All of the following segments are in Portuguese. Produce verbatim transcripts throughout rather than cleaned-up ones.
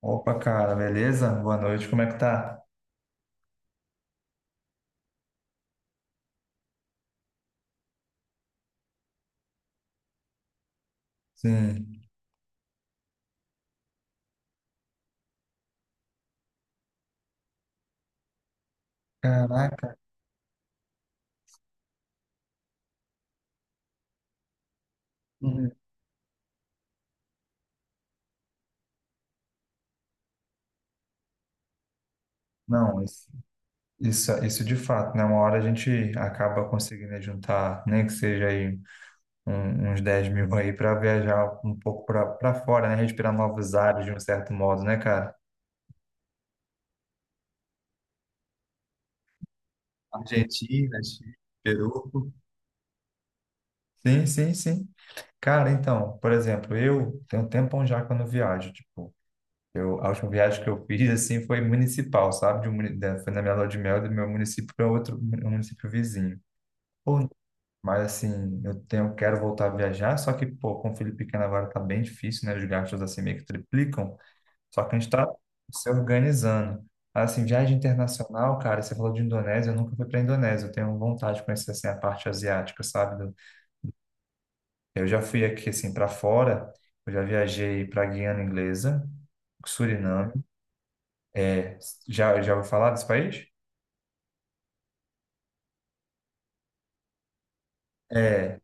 Opa, cara, beleza? Boa noite, como é que tá? Sim. Caraca. Uhum. Não, isso, isso, isso de fato, né? Uma hora a gente acaba conseguindo juntar, nem que seja aí um- uns dez mil aí para viajar um pouco para fora, né? Respirar novos ares de um certo modo, né, cara? Argentina, Chile, Peru. Sim, sim, sim. Cara, então, por exemplo, eu tenho um tempão já quando viajo, tipo. Eu, a última viagem que eu fiz, assim, foi municipal, sabe? De um, muni- da- Foi na minha lua de mel do meu município para outro mu- um município vizinho. Pô, mas, assim, eu tenho, quero voltar a viajar, só que, pô, com o filho pequeno agora tá bem difícil, né? Os gastos, assim, meio que triplicam. Só que a gente tá se organizando. Assim, viagem internacional, cara, você falou de Indonésia, eu nunca fui para Indonésia. Eu tenho vontade de conhecer, assim, a parte asiática, sabe? Do- Eu já fui aqui, assim, para fora. Eu já viajei para Guiana Inglesa, Suriname. Já, já ouviu falar desse país? É,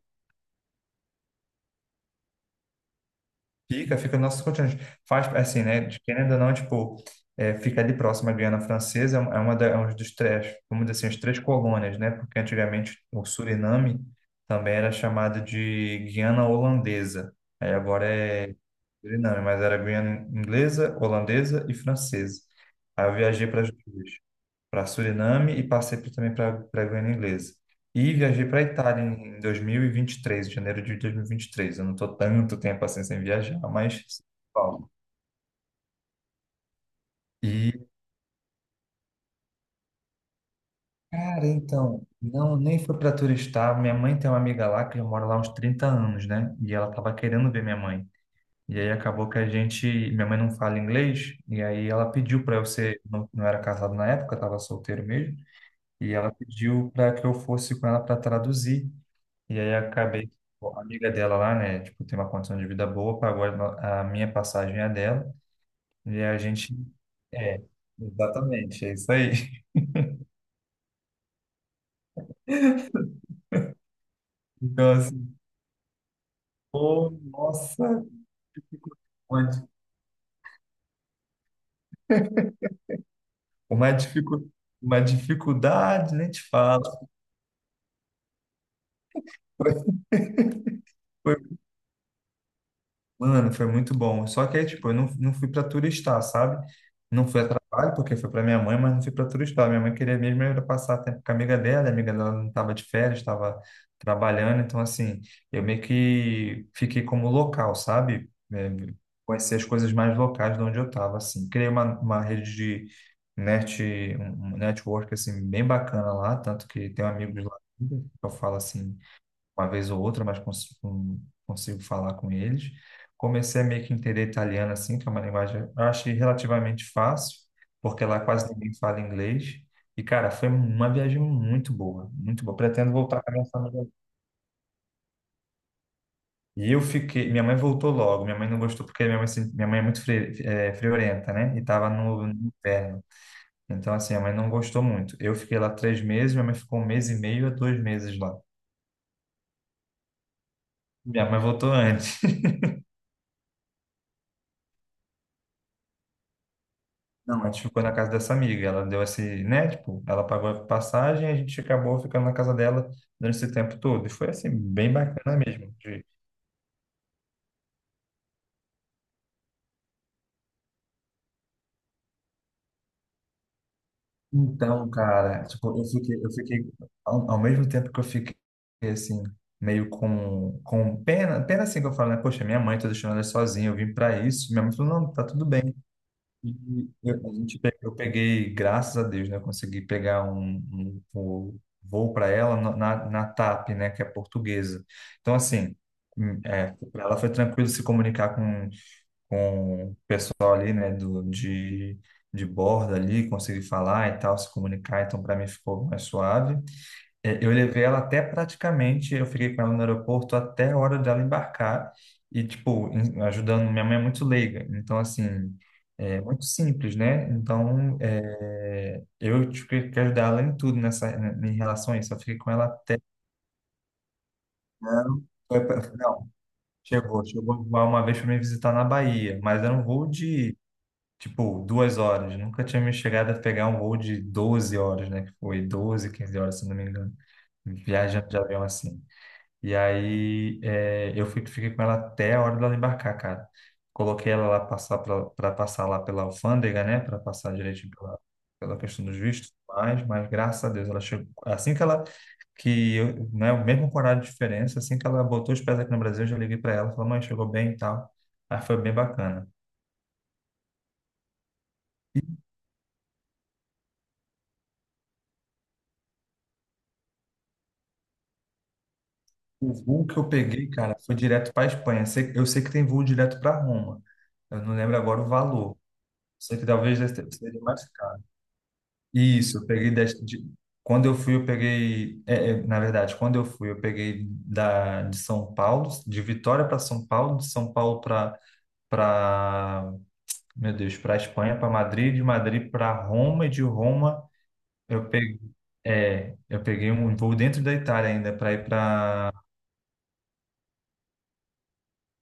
fica, fica no nosso continente. Faz, assim, né? De querendo ou não, tipo, é, fica ali próximo à Guiana Francesa, é uma é uma da, é um dos três, vamos dizer assim, as três colônias, né? Porque antigamente o Suriname também era chamado de Guiana Holandesa. Aí agora é Suriname, mas era Guiana Inglesa, Holandesa e Francesa. Aí eu viajei para as duas, para Suriname e passei por- também para a Guiana Inglesa. E viajei para Itália em dois mil e vinte e três, janeiro de dois mil e vinte e três. Eu não estou tanto tempo assim sem viajar, mas... Bom. E, cara, então, não, nem foi para turistar. Minha mãe tem uma amiga lá que já mora lá há uns trinta anos, né? E ela tava querendo ver minha mãe. E aí acabou que a gente, minha mãe não fala inglês, e aí ela pediu para eu ser, não, não era casado na época, estava solteiro mesmo, e ela pediu para que eu fosse com ela para traduzir. E aí acabei, que, pô, a amiga dela lá, né, tipo, tem uma condição de vida boa, pagou a a minha passagem e a dela, e a gente, é, exatamente, é isso aí. Então, assim, pô, nossa, uma, di- uma, dificu, uma dificuldade, nem te falo. Mano, foi muito bom. Só que aí, tipo, eu não, não fui pra turistar, sabe? Não fui a trabalho, porque foi pra minha mãe, mas não fui pra turistar. Minha mãe queria mesmo era passar tempo com a amiga dela, a amiga dela não tava de férias, tava trabalhando. Então, assim, eu meio que fiquei como local, sabe? É, conhecer as coisas mais locais de onde eu tava, assim. Criei uma, uma rede de net, um um network, assim, bem bacana lá, tanto que tenho amigos lá, eu falo assim uma vez ou outra, mas cons com- consigo falar com eles. Comecei a meio que entender italiano, assim, que é uma linguagem, eu achei relativamente fácil, porque lá quase ninguém fala inglês. E, cara, foi uma viagem muito boa, muito boa. Pretendo voltar com a minha família. E eu fiquei. Minha mãe voltou logo. Minha mãe não gostou porque minha mãe, se- minha mãe é muito fri, eh, friorenta, né? E tava no, no inverno. Então, assim, a mãe não gostou muito. Eu fiquei lá três meses, minha mãe ficou um mês e meio a dois meses lá. Minha mãe voltou antes. Não, a gente ficou na casa dessa amiga. Ela deu esse, né? Tipo, ela pagou a passagem e a gente acabou ficando na casa dela durante esse tempo todo. E foi assim, bem bacana mesmo. de- Então, cara, tipo, eu fiquei, eu fiquei ao, ao mesmo tempo que eu fiquei assim, meio com, com pena, pena assim que eu falo, né? Poxa, minha mãe tá deixando ela sozinha, eu vim pra isso. Minha mãe falou, não, tá tudo bem. E Eu, a gente pe- eu peguei, graças a Deus, né? Eu consegui pegar um, um voo, voo para ela na, na na TAP, né? Que é portuguesa. Então, assim, hum, é, para ela foi tranquilo se comunicar com, com o pessoal ali, né? Do, de, de bordo ali, conseguir falar e tal, se comunicar. Então, para mim ficou mais suave. É, eu levei ela até praticamente, eu fiquei com ela no aeroporto até a hora dela embarcar e, tipo, em- ajudando. Minha mãe é muito leiga, então, assim, é muito simples, né? Então, é, eu tive que ajudar ela em tudo nessa, né, em relação a isso. Eu fiquei com ela até. Não, foi pra- não, chegou, chegou uma vez para me visitar na Bahia, mas era um voo de, tipo, duas horas. Nunca tinha me chegado a pegar um voo de doze horas, né? Que foi doze, quinze horas, se não me engano, viajando de avião assim. E aí é, eu fui, fiquei com ela até a hora dela embarcar, cara. Coloquei ela lá passar para passar lá pela alfândega, né? Para passar direito pela, pela questão dos vistos, mas, mas graças a Deus ela chegou. Assim que ela, que eu, né, o mesmo horário de diferença, assim que ela botou os pés aqui no Brasil, eu já liguei para ela, falei, mãe, chegou bem e tal. Aí foi bem bacana. O voo que eu peguei, cara, foi direto para Espanha. Sei- Eu sei que tem voo direto para Roma. Eu não lembro agora o valor. Sei que talvez seja mais caro. Isso, eu peguei das- de- quando eu fui, eu peguei, é, é, na verdade, quando eu fui, eu peguei da de São Paulo, de Vitória para São Paulo, de São Paulo para para, meu Deus, para Espanha, para Madrid, de Madrid para Roma e de Roma eu peguei, é, eu peguei um voo dentro da Itália ainda para ir para...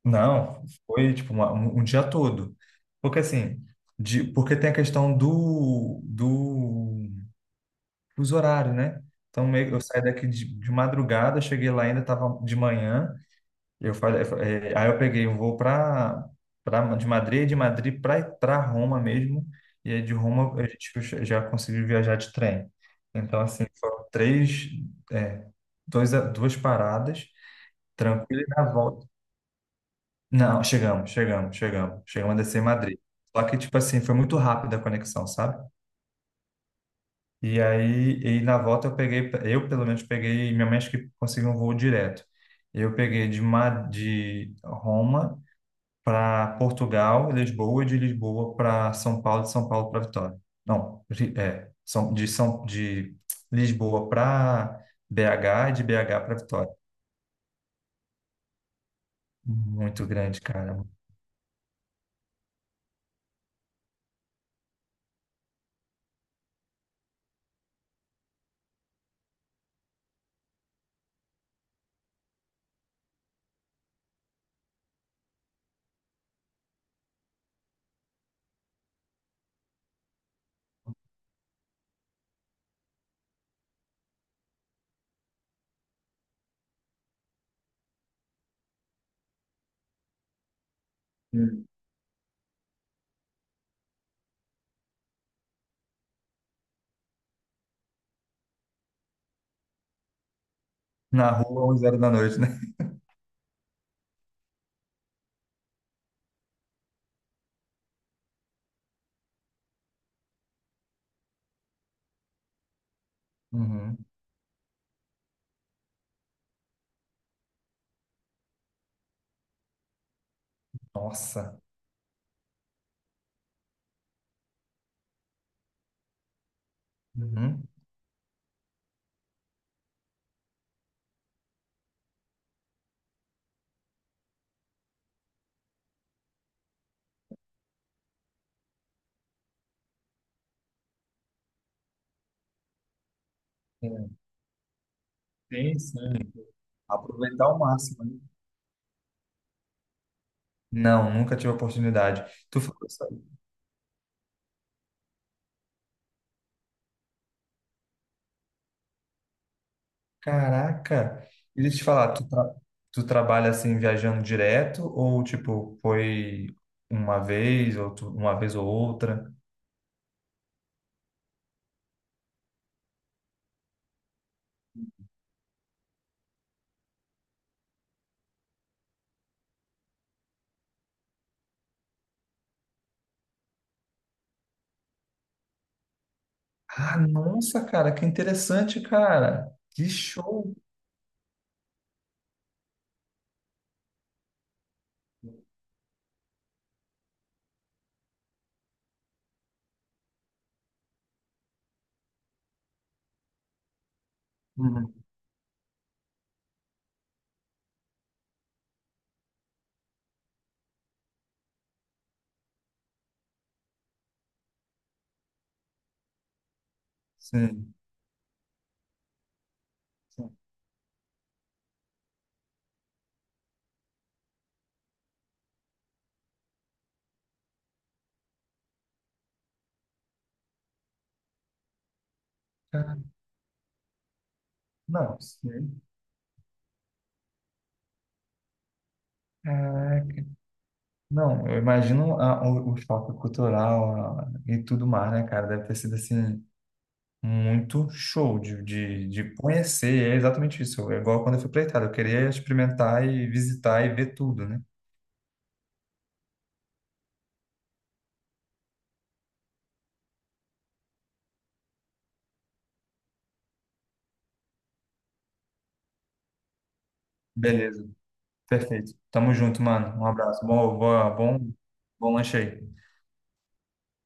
Não, foi tipo uma- um, um dia todo. Porque assim, de, porque tem a questão do, do fuso horário, né? Então meio- eu saí daqui de, de madrugada, cheguei lá ainda estava de manhã. Eu falei, eh, aí eu peguei um voo para para de Madrid, de Madrid para para Roma mesmo. E aí de Roma a gente já já conseguiu viajar de trem. Então assim foram três, é, dois, a- duas paradas, tranquilo e na volta. Não, chegamos, chegamos, chegamos, chegamos a descer em Madrid. Só que tipo assim foi muito rápida a conexão, sabe? E aí, e na volta eu peguei, eu pelo menos peguei, minha mãe acho que conseguiu um voo direto. Eu peguei de, Ma- de Roma para Portugal, Lisboa, e de Lisboa para São Paulo, de São Paulo para Vitória. Não, Ri- é, São, de, São, de Lisboa para B H e de B H para Vitória. Muito grande, cara. Hum. Na rua, onze horas da noite, né? Uhum. Nossa. Uhum. É, tem, sim. Aproveitar ao máximo. Não, nunca tive a oportunidade. Tu falou assim, caraca, e deixa eu te falar, tu, tra- tu trabalha assim viajando direto ou tipo foi uma vez ou tu- uma vez ou outra? Ah, nossa, cara, que interessante, cara. Que show. Uhum. Sim. Sim. Cara, não, sim. Caraca. Não, eu imagino a- o, o choque cultural a- e tudo mais, né, cara? Deve ter sido assim muito show de, de, de conhecer, é exatamente isso. É igual quando eu fui para Itália, eu queria experimentar e visitar e ver tudo, né? Beleza, perfeito. Tamo junto, mano. Um abraço. Bom, boa- bom, bom lanche aí.